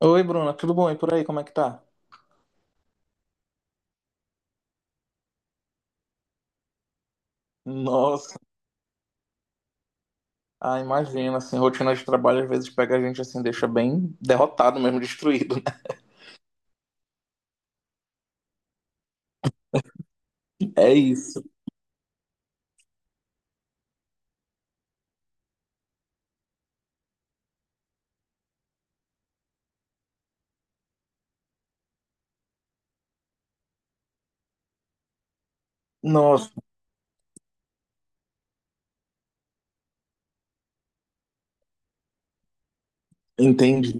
Oi, Bruna, tudo bom? E por aí, como é que tá? Nossa, ah, imagina, assim, rotina de trabalho às vezes pega a gente assim, deixa bem derrotado mesmo, destruído, né? É isso. Nossa, entendi.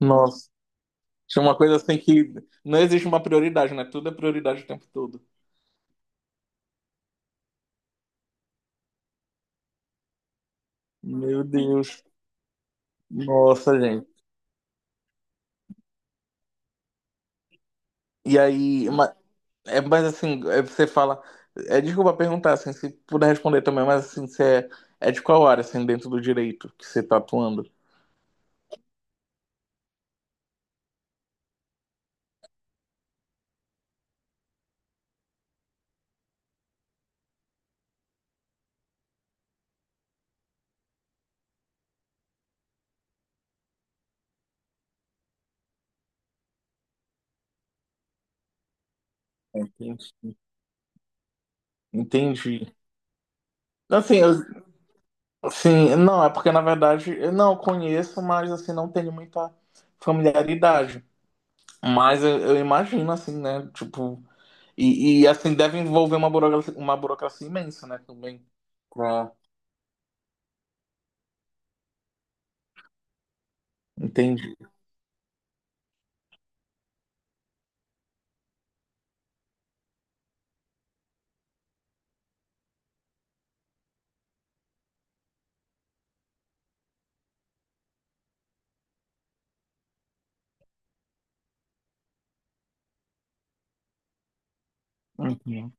Nossa, tinha uma coisa assim que não existe uma prioridade, né? Tudo é prioridade o tempo todo. Meu Deus. Nossa, gente. E aí, é, mas assim, é, você fala, é, desculpa perguntar, assim, se puder responder também, mas assim, você é, é de qual área, assim, dentro do direito que você tá atuando? Entendi. Entendi. Assim, assim, não, é porque na verdade eu não conheço, mas assim, não tenho muita familiaridade. Mas eu imagino, assim, né? Tipo, assim, deve envolver uma burocracia imensa, né? Também. Pra... Entendi. Uhum.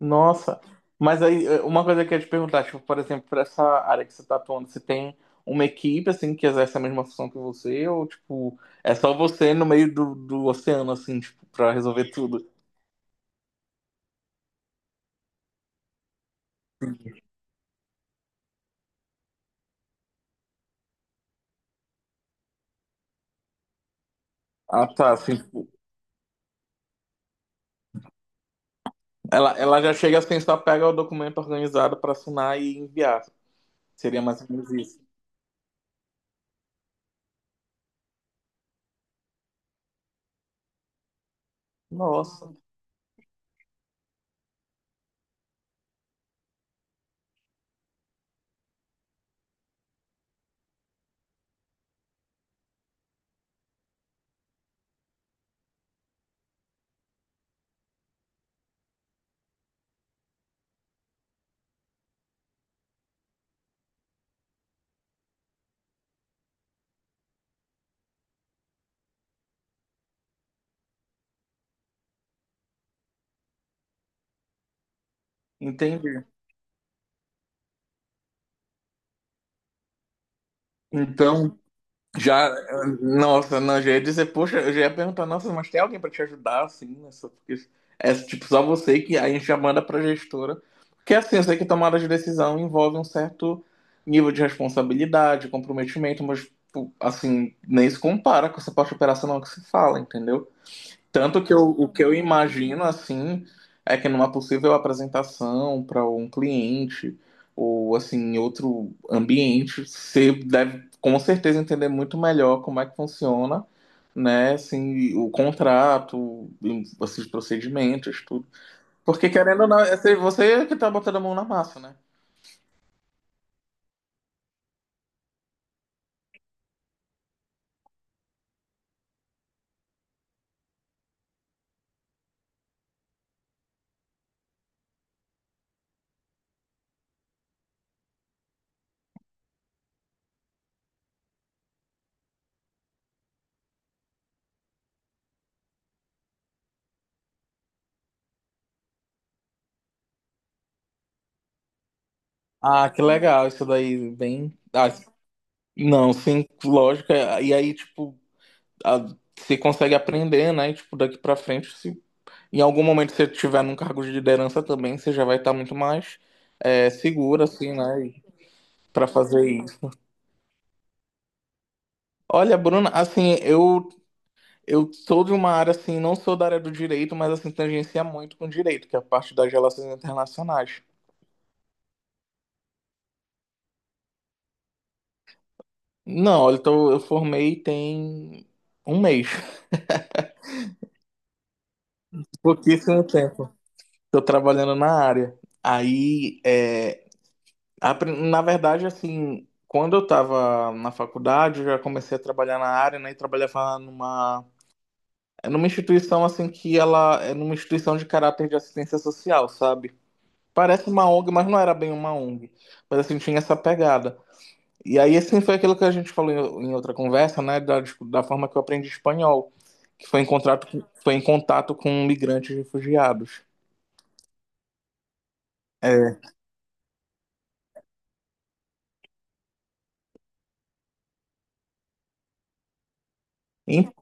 Nossa. Mas aí, uma coisa que eu ia te perguntar, tipo, por exemplo, pra essa área que você tá atuando, você tem uma equipe, assim, que exerce a mesma função que você, ou, tipo, é só você no meio do oceano, assim, tipo, pra resolver tudo? Ah, tá, assim. Ela já chega assim, só pega o documento organizado para assinar e enviar. Seria mais ou menos isso. Nossa, entendi. Então, já, nossa, não, já ia dizer, poxa, eu já ia perguntar, nossa, mas tem alguém para te ajudar, assim, nessa, porque é tipo só você que a gente já manda para gestora. Porque assim, eu sei que tomada de decisão envolve um certo nível de responsabilidade, comprometimento, mas, tipo, assim, nem se compara com essa parte operacional que se fala, entendeu? Tanto que eu, o que eu imagino, assim, é que numa possível apresentação para um cliente ou, assim, em outro ambiente, você deve, com certeza, entender muito melhor como é que funciona, né, assim, o contrato, esses procedimentos, tudo. Porque, querendo ou não, é você que tá botando a mão na massa, né? Ah, que legal, isso daí, bem... Ah, não, sim, lógico, e aí, tipo... a- Você consegue aprender, né? E, tipo, daqui pra frente, se em algum momento, se você tiver num cargo de liderança também, você já vai estar muito mais segura, assim, né? Para fazer isso. Olha, Bruna, assim, eu sou de uma área, assim, não sou da área do direito, mas, assim, tangencia muito com direito, que é a parte das relações internacionais. Não, olha, então eu formei tem um mês, pouquíssimo tempo. Estou trabalhando na área. Aí, é, na verdade, assim, quando eu estava na faculdade, eu já comecei a trabalhar na área, né? E trabalhava numa é numa instituição assim que ela é numa instituição de caráter de assistência social, sabe? Parece uma ONG, mas não era bem uma ONG. Mas assim, tinha essa pegada. E aí, assim, foi aquilo que a gente falou em outra conversa, né? Da, da forma que eu aprendi espanhol, que foi em contrato, foi em contato com migrantes e refugiados. É. En-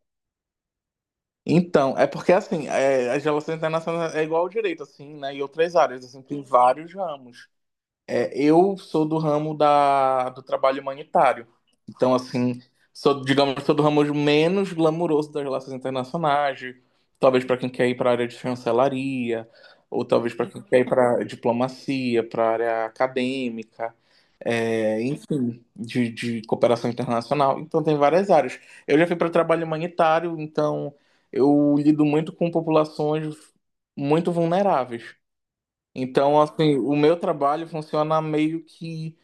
Então, é porque assim, é, as relações internacionais é igual ao direito, assim, né? E outras áreas, assim, tem vários ramos. É, eu sou do ramo da, do trabalho humanitário. Então, assim, sou, digamos, sou do ramo menos glamouroso das relações internacionais, de- talvez para quem quer ir para a área de chancelaria, ou talvez para quem quer ir para diplomacia, para área acadêmica, é, enfim, de cooperação internacional. Então, tem várias áreas. Eu já fui para trabalho humanitário, então eu lido muito com populações muito vulneráveis. Então, assim, o meu trabalho funciona meio que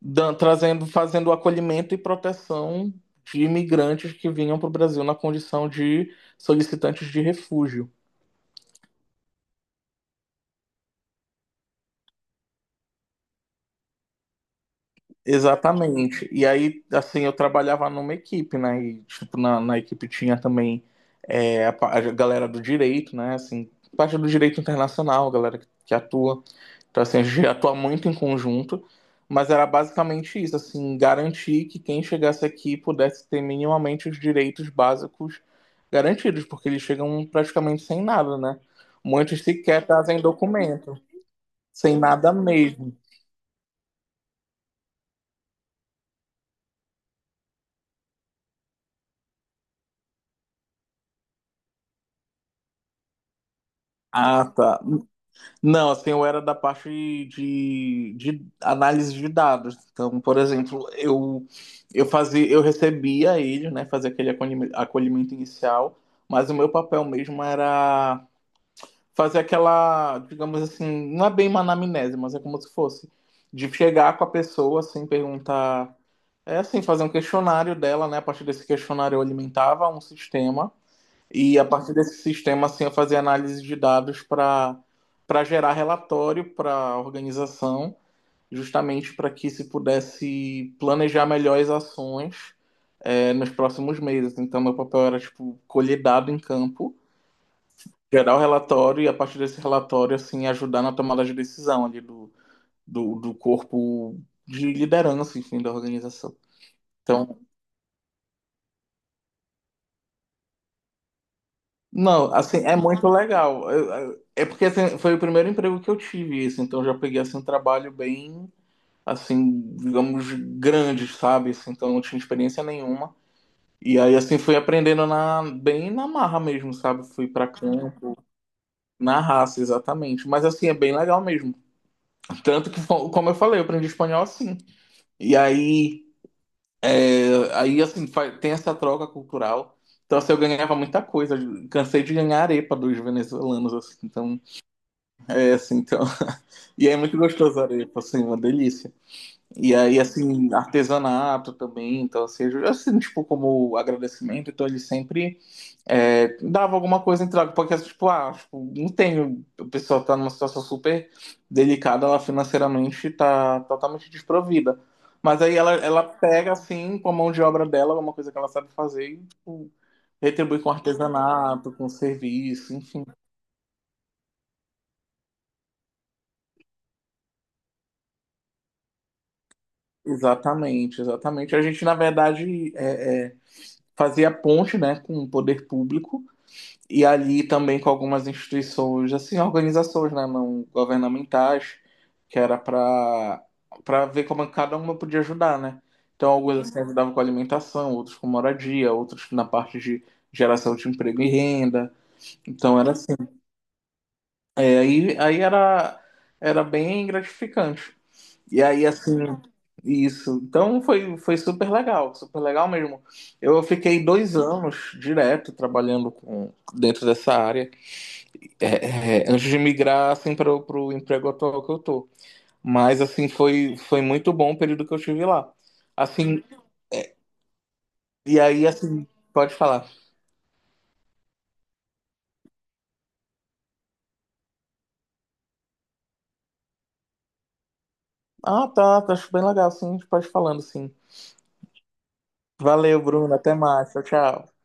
trazendo, fazendo o acolhimento e proteção de imigrantes que vinham para o Brasil na condição de solicitantes de refúgio. Exatamente. E aí, assim, eu trabalhava numa equipe, né? E, tipo, na, na equipe tinha também é, a, a galera do direito, né? Assim, parte do direito internacional, galera que atua. Então, assim, a gente atua muito em conjunto, mas era basicamente isso, assim, garantir que quem chegasse aqui pudesse ter minimamente os direitos básicos garantidos, porque eles chegam praticamente sem nada, né? Muitos sequer trazem documento, sem nada mesmo. Ah, tá. Não, assim, eu era da parte de análise de dados. Então, por exemplo, eu fazia, eu recebia eles, né, fazia aquele acolhimento inicial, mas o meu papel mesmo era fazer aquela, digamos assim, não é bem uma anamnese, mas é como se fosse de chegar com a pessoa, assim, perguntar, é assim, fazer um questionário dela, né? A partir desse questionário eu alimentava um sistema e a partir desse sistema, assim, eu fazia análise de dados para gerar relatório para a organização, justamente para que se pudesse planejar melhor as ações é, nos próximos meses. Então, meu papel era tipo colher dado em campo, gerar o relatório e a partir desse relatório, assim, ajudar na tomada de decisão ali do, do corpo de liderança, enfim, da organização. Então, não, assim, é muito legal. É porque assim, foi o primeiro emprego que eu tive, isso, então eu já peguei assim um trabalho bem, assim, digamos, grande, sabe? Assim, então eu não tinha experiência nenhuma. E aí assim fui aprendendo na bem na marra mesmo, sabe? Fui pra campo, na raça, exatamente. Mas assim é bem legal mesmo. Tanto que como eu falei, eu aprendi espanhol assim. E aí, é, aí assim, tem essa troca cultural. Então, assim, eu ganhava muita coisa. Cansei de ganhar arepa dos venezuelanos, assim. Então, é assim, então. E é muito gostoso a arepa, assim, uma delícia. E aí, assim, artesanato também. Então, assim, assim, tipo, como agradecimento. Então, eles sempre é, dava alguma coisa em troca, porque, tipo, ah, tipo, não tem. O pessoal tá numa situação super delicada, ela financeiramente tá totalmente desprovida. Mas aí ela pega, assim, com a mão de obra dela, alguma coisa que ela sabe fazer e, tipo, retribui com artesanato, com serviço, enfim. Exatamente, exatamente. A gente, na verdade, fazia ponte, né, com o poder público e ali também com algumas instituições, assim, organizações, né, não governamentais, que era para para ver como cada uma podia ajudar, né? Então, alguns assim, ajudavam com alimentação, outros com moradia, outros na parte de geração de emprego e renda. Então, era assim. É, aí, aí era, era bem gratificante. E aí, assim, isso. Então, foi, foi super legal mesmo. Eu fiquei dois anos direto trabalhando com, dentro dessa área. É, é, antes de migrar assim para o emprego atual que eu tô. Mas assim foi muito bom o período que eu tive lá. Assim, e aí assim, pode falar. Ah, tá, tá, acho bem legal, sim, a gente pode ir falando, sim. Valeu, Bruno, até mais. Tchau, tchau.